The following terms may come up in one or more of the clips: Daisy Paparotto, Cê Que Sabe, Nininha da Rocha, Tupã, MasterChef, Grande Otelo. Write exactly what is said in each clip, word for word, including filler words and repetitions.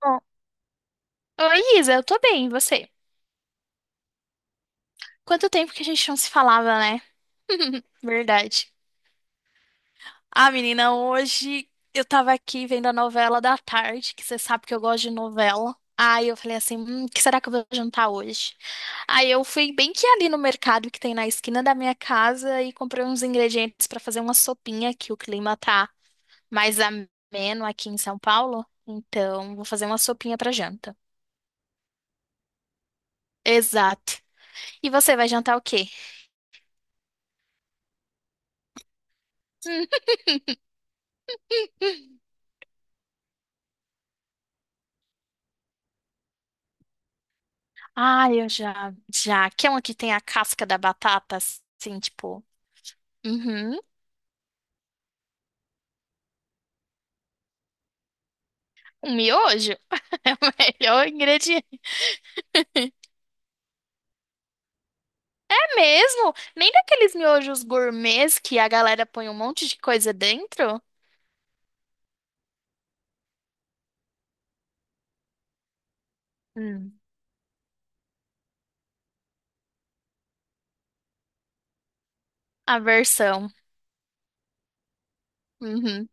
Bom, Oi, Isa, eu tô bem, e você? Quanto tempo que a gente não se falava, né? Verdade. Ah, menina, hoje eu tava aqui vendo a novela da tarde, que você sabe que eu gosto de novela. Aí eu falei assim, hum, o que será que eu vou jantar hoje? Aí eu fui bem que ali no mercado que tem na esquina da minha casa e comprei uns ingredientes pra fazer uma sopinha, que o clima tá mais ameno aqui em São Paulo. Então, vou fazer uma sopinha pra janta. Exato. E você vai jantar o quê? Ah, eu já, já. Que é uma que tem a casca da batata, assim, tipo. Uhum. Um miojo é o melhor ingrediente. É mesmo? Nem daqueles miojos gourmets que a galera põe um monte de coisa dentro? Hum, a versão. Uhum.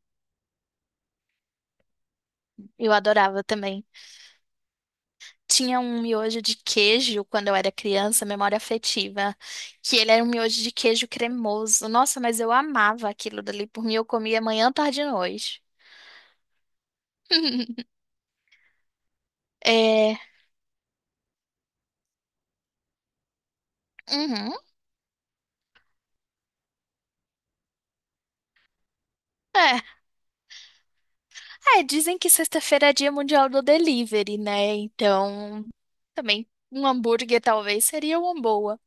Eu adorava também. Tinha um miojo de queijo quando eu era criança, memória afetiva, que ele era um miojo de queijo cremoso. Nossa, mas eu amava aquilo dali. Por mim, eu comia manhã, tarde e noite. É. Uhum. É, é, dizem que sexta-feira é dia mundial do delivery, né? Então, também um hambúrguer talvez seria uma boa.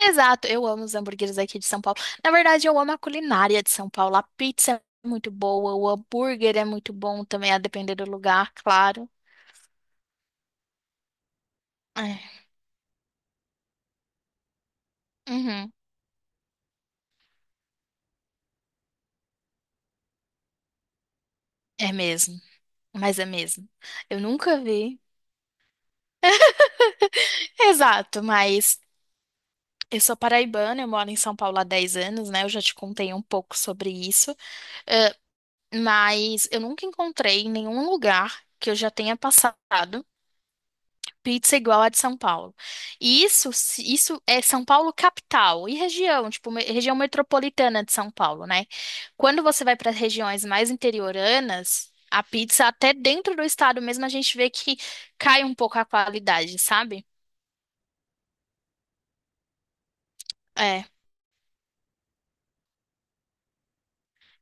Exato, eu amo os hambúrgueres aqui de São Paulo. Na verdade, eu amo a culinária de São Paulo. A pizza é muito boa, o hambúrguer é muito bom também, a depender do lugar, claro. É, uhum, é mesmo, mas é mesmo. Eu nunca vi. Exato, mas eu sou paraibana, eu moro em São Paulo há 10 anos, né? Eu já te contei um pouco sobre isso. Mas eu nunca encontrei em nenhum lugar que eu já tenha passado pizza igual a de São Paulo. E isso, se- isso é São Paulo capital e região, tipo, me- região metropolitana de São Paulo, né? Quando você vai para as regiões mais interioranas, a pizza até dentro do estado mesmo a gente vê que cai um pouco a qualidade, sabe?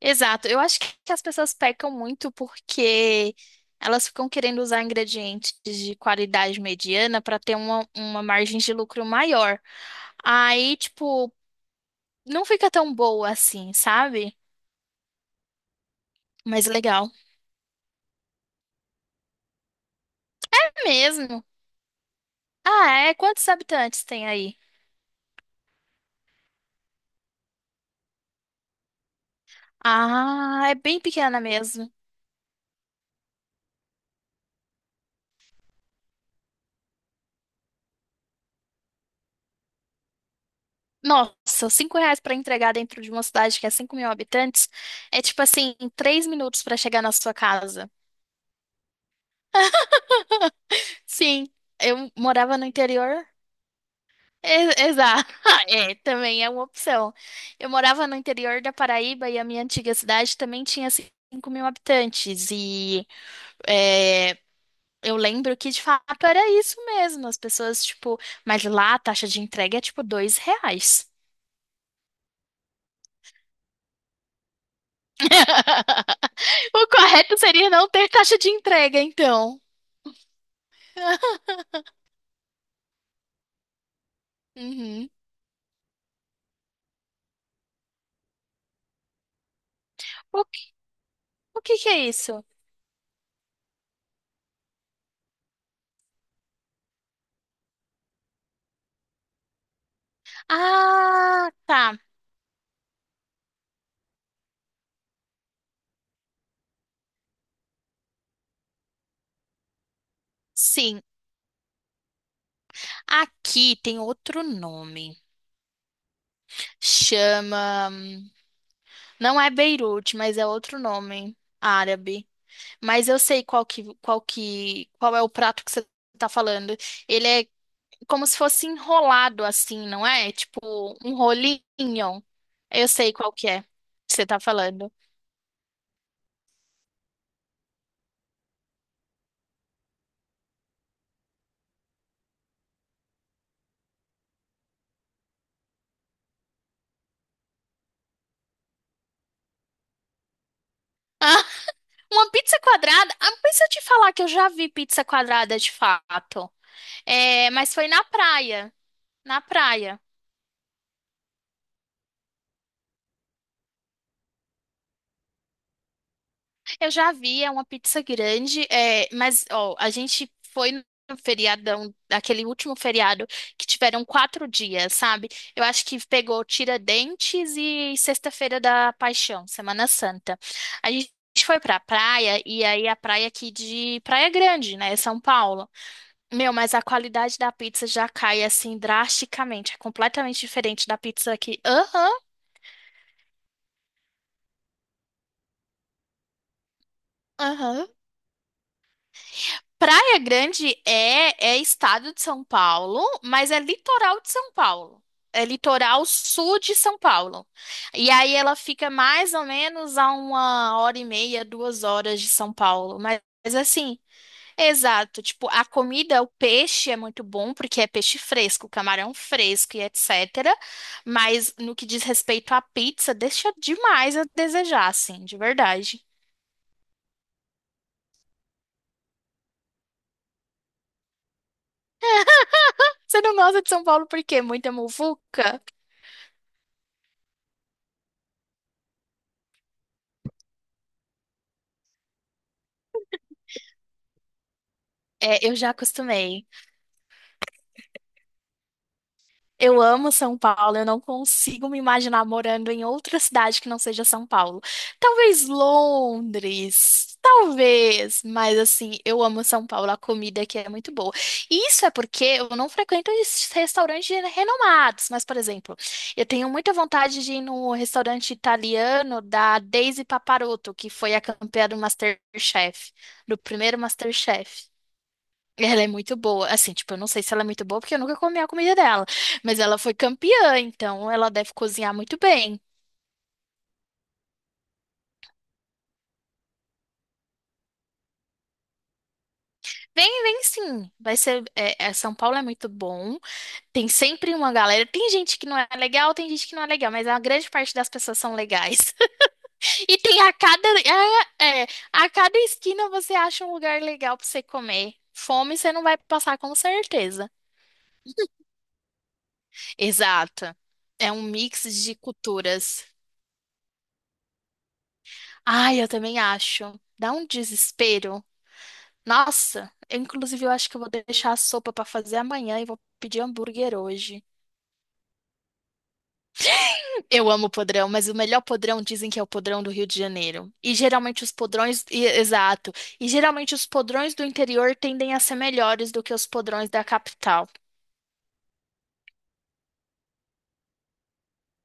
Exato. Eu acho que as pessoas pecam muito porque elas ficam querendo usar ingredientes de qualidade mediana para ter uma, uma margem de lucro maior. Aí, tipo, não fica tão boa assim, sabe? Mas legal. É mesmo. Ah, é? Quantos habitantes tem aí? Ah, é bem pequena mesmo. Nossa, cinco reais para entregar dentro de uma cidade que é cinco mil habitantes é tipo assim, três minutos para chegar na sua casa. Sim, eu morava no interior. Exato, é, também é uma opção. Eu morava no interior da Paraíba e a minha antiga cidade também tinha cinco mil habitantes. E é, eu lembro que de fato era isso mesmo. As pessoas, tipo, mas lá a taxa de entrega é tipo dois reais. O correto seria não ter taxa de entrega, então. Uhum. O, que- o que que é isso? Ah, tá. Sim. Aqui tem outro nome. Chama. Não é Beirute, mas é outro nome árabe. Mas eu sei qual que, qual que, qual é o prato que você tá falando. Ele é como se fosse enrolado assim, não é? É tipo um rolinho. Eu sei qual que é que você tá falando. Ah, uma pizza quadrada? Ah, mas se eu te falar que eu já vi pizza quadrada de fato. É, mas foi na praia. Na praia. Eu já vi, é uma pizza grande, é, mas ó, a gente foi no feriadão, aquele último feriado, que tiveram quatro dias, sabe? Eu acho que pegou Tiradentes e Sexta-feira da Paixão, Semana Santa. A gente foi pra praia, e aí a praia aqui de Praia Grande, né, São Paulo. Meu, mas a qualidade da pizza já cai assim drasticamente, é completamente diferente da pizza aqui. Aham, aham. Praia Grande é, é estado de São Paulo, mas é litoral de São Paulo. É litoral sul de São Paulo. E aí ela fica mais ou menos a uma hora e meia, duas horas de São Paulo. Mas, mas assim, exato. Tipo, a comida, o peixe é muito bom, porque é peixe fresco, camarão fresco e etcetera. Mas no que diz respeito à pizza, deixa demais a desejar, assim, de verdade. Você não gosta de São Paulo por quê? Muita muvuca? É, eu já acostumei. Eu amo São Paulo, eu não consigo me imaginar morando em outra cidade que não seja São Paulo. Talvez Londres, talvez, mas assim, eu amo São Paulo, a comida aqui é muito boa. E isso é porque eu não frequento esses restaurantes renomados, mas, por exemplo, eu tenho muita vontade de ir no restaurante italiano da Daisy Paparotto, que foi a campeã do MasterChef, do primeiro MasterChef. Ela é muito boa. Assim, tipo, eu não sei se ela é muito boa porque eu nunca comi a comida dela. Mas ela foi campeã, então ela deve cozinhar muito bem. Vem, vem sim. Vai ser. É, é, São Paulo é muito bom. Tem sempre uma galera. Tem gente que não é legal, tem gente que não é legal, mas a grande parte das pessoas são legais. E tem a cada. É, é, a cada esquina você acha um lugar legal pra você comer. Fome você não vai passar com certeza. Exato. É um mix de culturas. Ai, eu também acho. Dá um desespero. Nossa, eu, inclusive eu acho que eu vou deixar a sopa pra fazer amanhã e vou pedir hambúrguer hoje. Eu amo podrão, mas o melhor podrão dizem que é o podrão do Rio de Janeiro. E geralmente os podrões, e- exato. E geralmente os podrões do interior tendem a ser melhores do que os podrões da capital.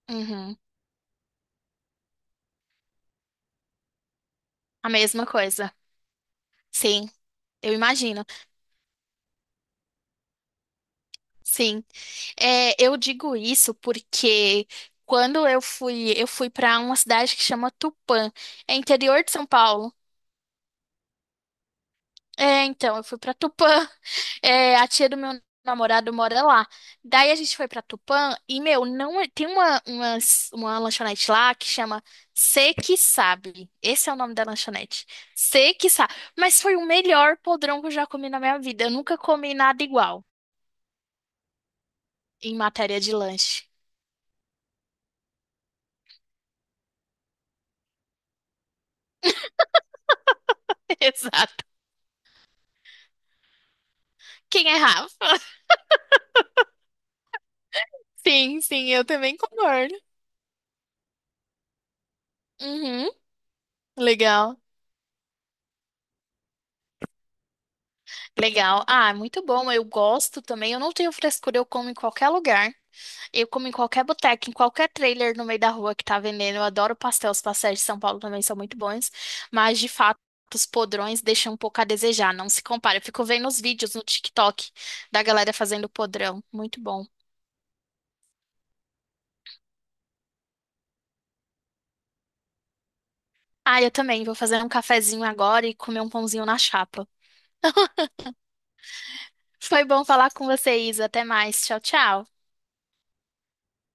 Uhum, a mesma coisa. Sim, eu imagino. Sim, é, eu digo isso porque quando eu fui, eu fui para uma cidade que chama Tupã, é interior de São Paulo. É, então, eu fui para Tupã. É, a tia do meu namorado mora lá. Daí a gente foi para Tupã e, meu, não é- tem uma, uma, uma lanchonete lá que chama Cê Que Sabe. Esse é o nome da lanchonete. Cê Que Sabe. Mas foi o melhor podrão que eu já comi na minha vida. Eu nunca comi nada igual em matéria de lanche. Exato. Quem é Rafa? Sim, sim, eu também concordo. Uhum, legal, legal. Ah, muito bom. Eu gosto também. Eu não tenho frescura, eu como em qualquer lugar. Eu como em qualquer boteca, em qualquer trailer no meio da rua que tá vendendo. Eu adoro pastel. Os pastéis de São Paulo também são muito bons. Mas, de fato, os podrões deixam um pouco a desejar. Não se compara. Eu fico vendo os vídeos no TikTok da galera fazendo podrão. Muito bom. Ah, eu também. Vou fazer um cafezinho agora e comer um pãozinho na chapa. Foi bom falar com você, Isa. Até mais. Tchau, tchau.